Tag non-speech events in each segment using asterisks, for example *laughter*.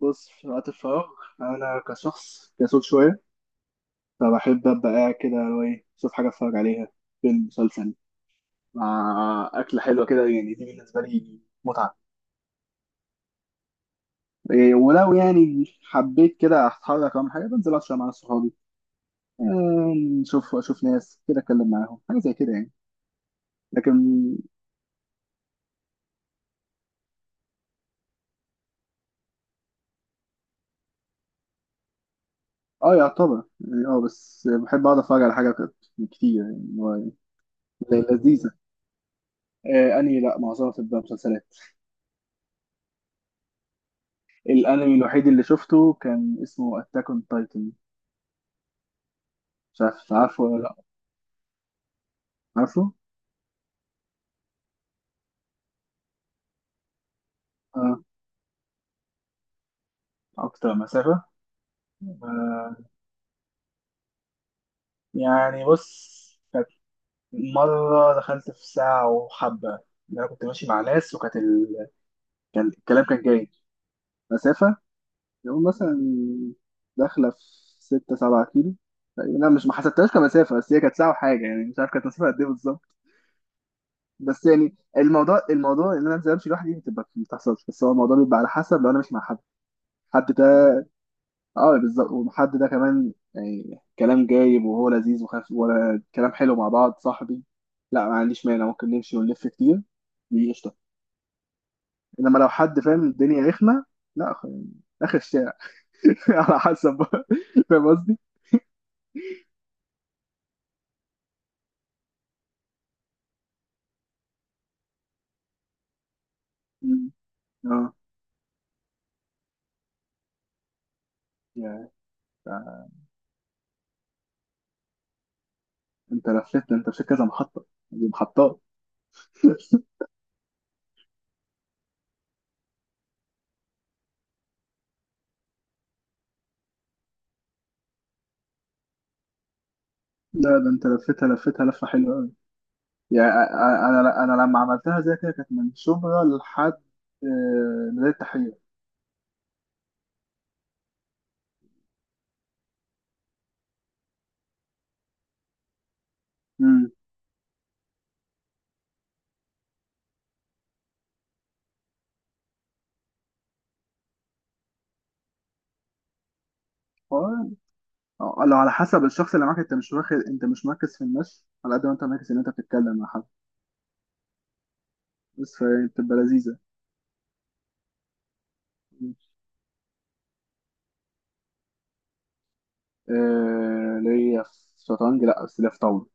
بص، في وقت الفراغ، أنا كشخص كسول شوية، فبحب أبقى قاعد كده، اللي هو إيه، أشوف حاجة أتفرج عليها: فيلم، مسلسل، مع أكلة حلوة كده، يعني دي بالنسبة لي متعة. إيه، ولو يعني حبيت كده أتحرك أو حاجة، بنزل أتفرج مع صحابي. أشوف ناس كده، أتكلم معاهم حاجة زي كده يعني. لكن يعتبر، يعني بس بحب أقعد أتفرج على حاجة كده كتير، يعني اللي هو. إيه، لذيذة. آه، أنهي؟ لأ، معظمها بتبقى مسلسلات. الانمي الوحيد اللي شفته كان اسمه اتاك اون تايتن. مش عارف، عارفه ولا لا؟ عارفه. اه، اكتر مسافة؟ آه. يعني بص، كانت مرة دخلت في ساعة وحبة، إن أنا كنت ماشي مع ناس، وكانت ال... الكلام كان جاي مسافة، يقول مثلا داخلة في ستة سبعة كيلو تقريباً. لا، مش ما حسبتهاش كمسافة، بس هي كانت ساعة وحاجة، يعني مش عارف كانت مسافة قد إيه بالظبط. بس يعني الموضوع إن أنا أنزل أمشي لوحدي دي بتبقى ما بتحصلش، بس هو الموضوع بيبقى على حسب، لو أنا مش مع حد. حد. اه، بالظبط. والحد ده كمان، يعني كلام جايب وهو لذيذ وخف، ولا كلام حلو، مع بعض صاحبي، لا ما عنديش مانع، ممكن نمشي ونلف كتير، دي قشطة. انما لو حد فاهم، الدنيا رخمة. لا، يعني اخر الشارع. *laughs* على حسب بقى. فاهم قصدي؟ مم. اه. يا انت لفيت ده، انت في كذا محطة، دي محطات. *laughs* لا، ده انت لفيتها لفة حلوة قوي. يعني أ- أ- انا لما عملتها زي كده، كانت من شبرا لحد ميدان التحرير. امم آه، لو على حسب الشخص اللي معاك، انت مش واخد، انت مش مركز في الناس، على قد ما انت مركز ان انت بتتكلم مع حد. بس فهي بتبقى لذيذه. آه، ليا في شطرنج؟ لا، بس ليا في طاوله.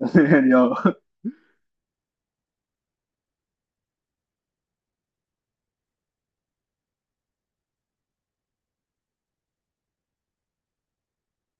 *laughs* يعني اه.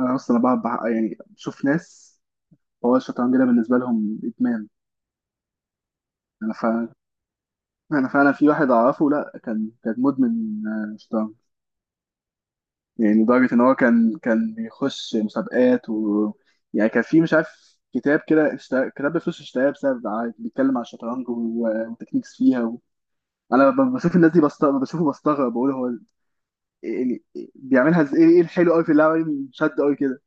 انا اصلا يعني بشوف ناس، هو الشطرنج ده بالنسبه لهم ادمان. انا فعلا انا فعلا في واحد اعرفه، لا كان مدمن شطرنج. يعني لدرجة إن هو كان بيخش مسابقات، و، يعني كان في، مش عارف، كتاب كده، اشترى كتاب بفلوس، اشتراه بسبب عادي، بيتكلم عن الشطرنج، وتكنيكس فيها و... بشوف الناس دي بستغرب، بشوفه بستغرب، بقول هو يعني بيعملها إزاي؟ إيه الحلو أوي في اللعبة دي؟ شد أوي كده.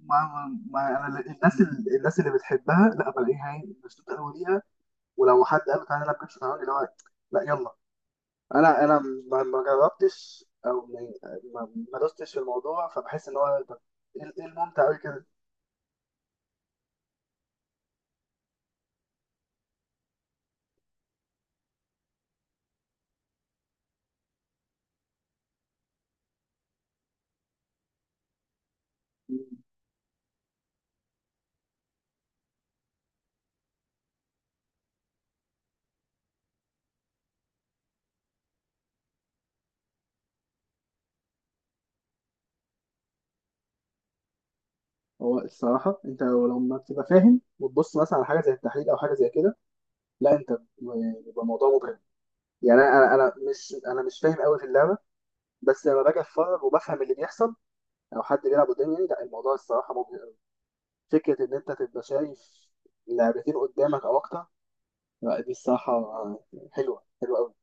ما ما أنا الناس اللي بتحبها، لا بلاقيها هي مشدودة أوي ليها، ولو حد قال له تعالى نلعب كده شطرنج، اللي هو لا يلا، انا ما ما جربتش او ما دوستش في الموضوع، فبحس ان هو، طب، إيه الممتع قوي كده؟ مم. هو الصراحة، أنت لو لما بتبقى فاهم وتبص مثلا على حاجة زي التحليل، أو حاجة زي كده، لا، بيبقى الموضوع مبهر. يعني أنا مش فاهم قوي في اللعبة، بس لما باجي أتفرج وبفهم اللي بيحصل، أو حد بيلعب قدامي، يعني لا، الموضوع الصراحة مبهر قوي. فكرة إن أنت تبقى شايف لعبتين قدامك أو أكتر، لا دي الصراحة حلوة قوي.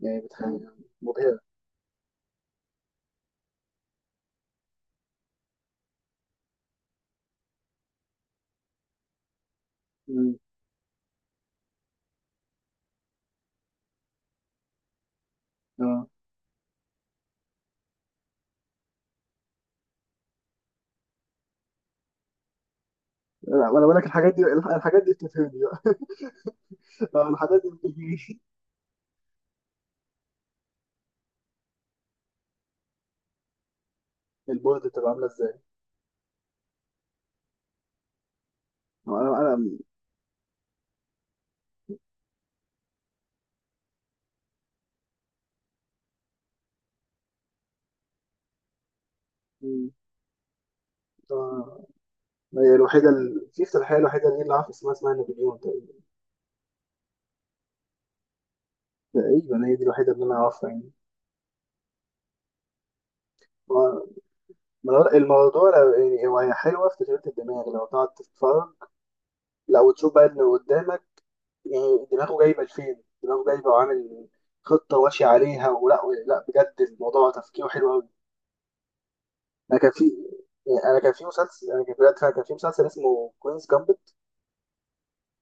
يعني بتخلي مبهرة. مم. آه. لا، وانا بقول لك، الحاجات دي بتفهمني بقى. *laughs* آه، الحاجات دي بتفهمني. البورد بتبقى عامله ازاي؟ آه، انا. مم. آه، هي الوحيده، في افتتاحيه الوحيده اللي انا عارف اسمها، اسمها نابليون تقريبا. تقريبا هي دي الوحيده اللي انا عارفها يعني. آه، الموضوع يعني هو، هي حلوه في تشغيل الدماغ، لو تقعد تتفرج، لو تشوف بقى اللي قدامك، يعني دماغه جايبه لفين، دماغه جايبه وعامل خطه واشي عليها ولا، لا بجد الموضوع تفكيره حلو قوي. انا كان في انا كان في مسلسل، انا كان بجد فعلا كان في مسلسل اسمه كوينز جامبت،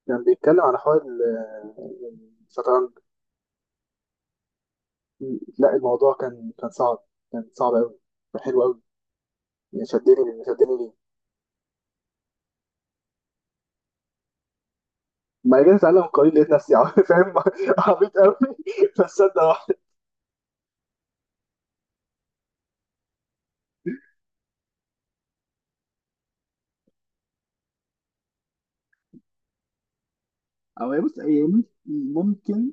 كان بيتكلم عن حوار الشطرنج. لا، الموضوع كان صعب، كان صعب قوي، كان حلو قوي، يعني شدني ليه. ما جيت اتعلم قليل، لقيت نفسي *laughs* فاهم. عبيط قوي *laughs* بس صدق واحد. او هي بص هي ممكن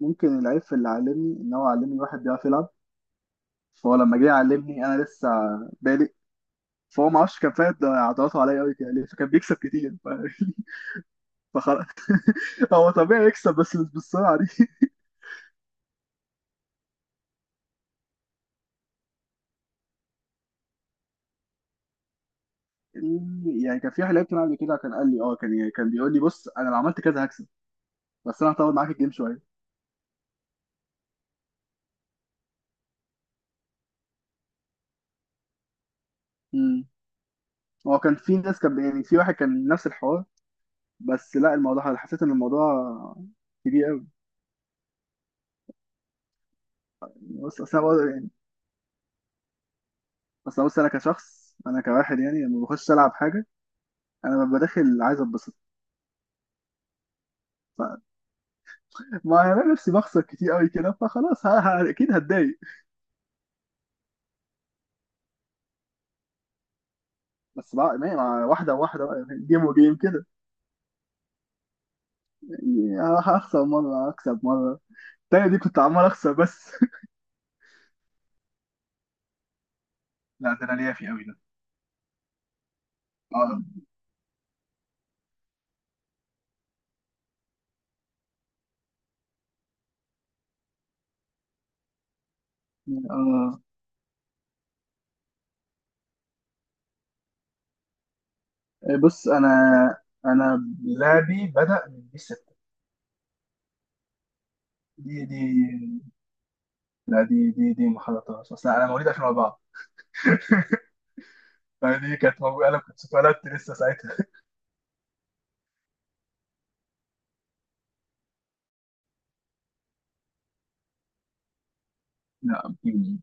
ممكن العيب في اللي علمني، ان هو علمني واحد بيعرف يلعب، فهو لما جه يعلمني انا لسه بادئ، فهو ما اعرفش كان فاهم ده عضلاته عليا قوي كده ليه، فكان بيكسب كتير ف... *laughs* فخلاص، هو طبيعي يكسب، بس مش بالسرعه دي *laughs* يعني كان في واحد لعبت معاه قبل كده، كان قال لي اه، كان يعني كان بيقول لي بص، انا لو عملت كذا هكسب، بس انا هطول معاك الجيم شويه. امم. هو كان في ناس، كان يعني، في واحد كان نفس الحوار، بس لا، الموضوع حسيت ان الموضوع كبير قوي. بص اصل انا برضه يعني. بس بص، انا كشخص، انا كواحد، يعني لما بخش العب حاجه، انا ببقى داخل عايز اتبسط. ف- ما انا نفسي بخسر كتير قوي كده، فخلاص اكيد هتضايق. بس بقى مع واحده واحده بقى، جيم وجيم كده. يعني هخسر مرة أكسب مرة. التانية دي كنت عمال أخسر بس *laughs* لا، ده انا ليا في قوي ده. اه. آه. بص، أنا لعبي بدأ من بي 6. دي دي لا، دي دي دي ما حضرتهاش، اصل انا مواليد 2004، فدي كانت موجوده، انا كنت اتولدت لسه ساعتها *laughs* لا بتيجي.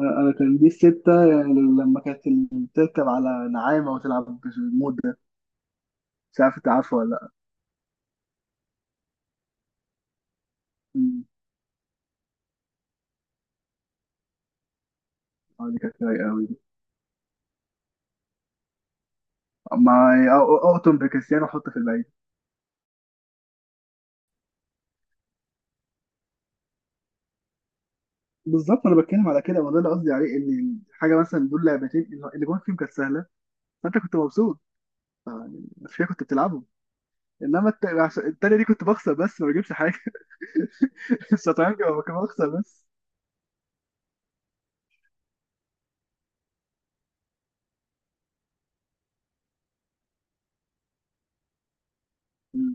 أنا أنا كان دي الستة يعني، لما كانت بتركب على نعامة وتلعب بالمود ده، مش عارف أنت عارفه ولا لأ. أمم. آه، دي كانت رايقة أوي. ما أقطم بكريستيانو وحط في الباقي. بالظبط، انا بتكلم على كده، وده اللي قصدي عليه، ان حاجه مثلا، دول لعبتين اللي جوه فيهم كانت سهله، فانت كنت مبسوط عشان كنت بتلعبهم. انما التانيه دي كنت بخسر بس ما بجيبش حاجه *laughs* الشطرنج هو كان بخسر بس. مم.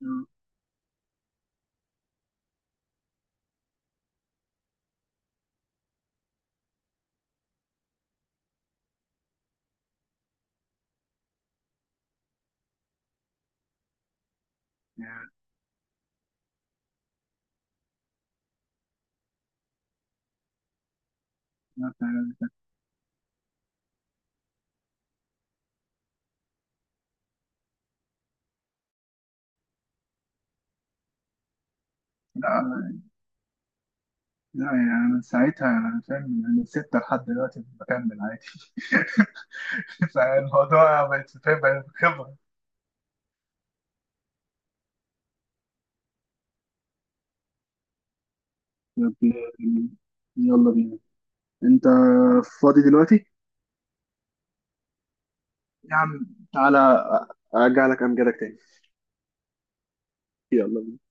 مم. يعني لا فعلاً. لا لا، يعني أنا من ساعتها انا فاهم، من ستة لحد دلوقتي بكمل عادي *laughs* فالموضوع بقت فاهم، بقت خبرة. طب، يلا بينا. انت فاضي دلوقتي؟ يا عم، تعالى، ارجع لك امجدك تاني. يلا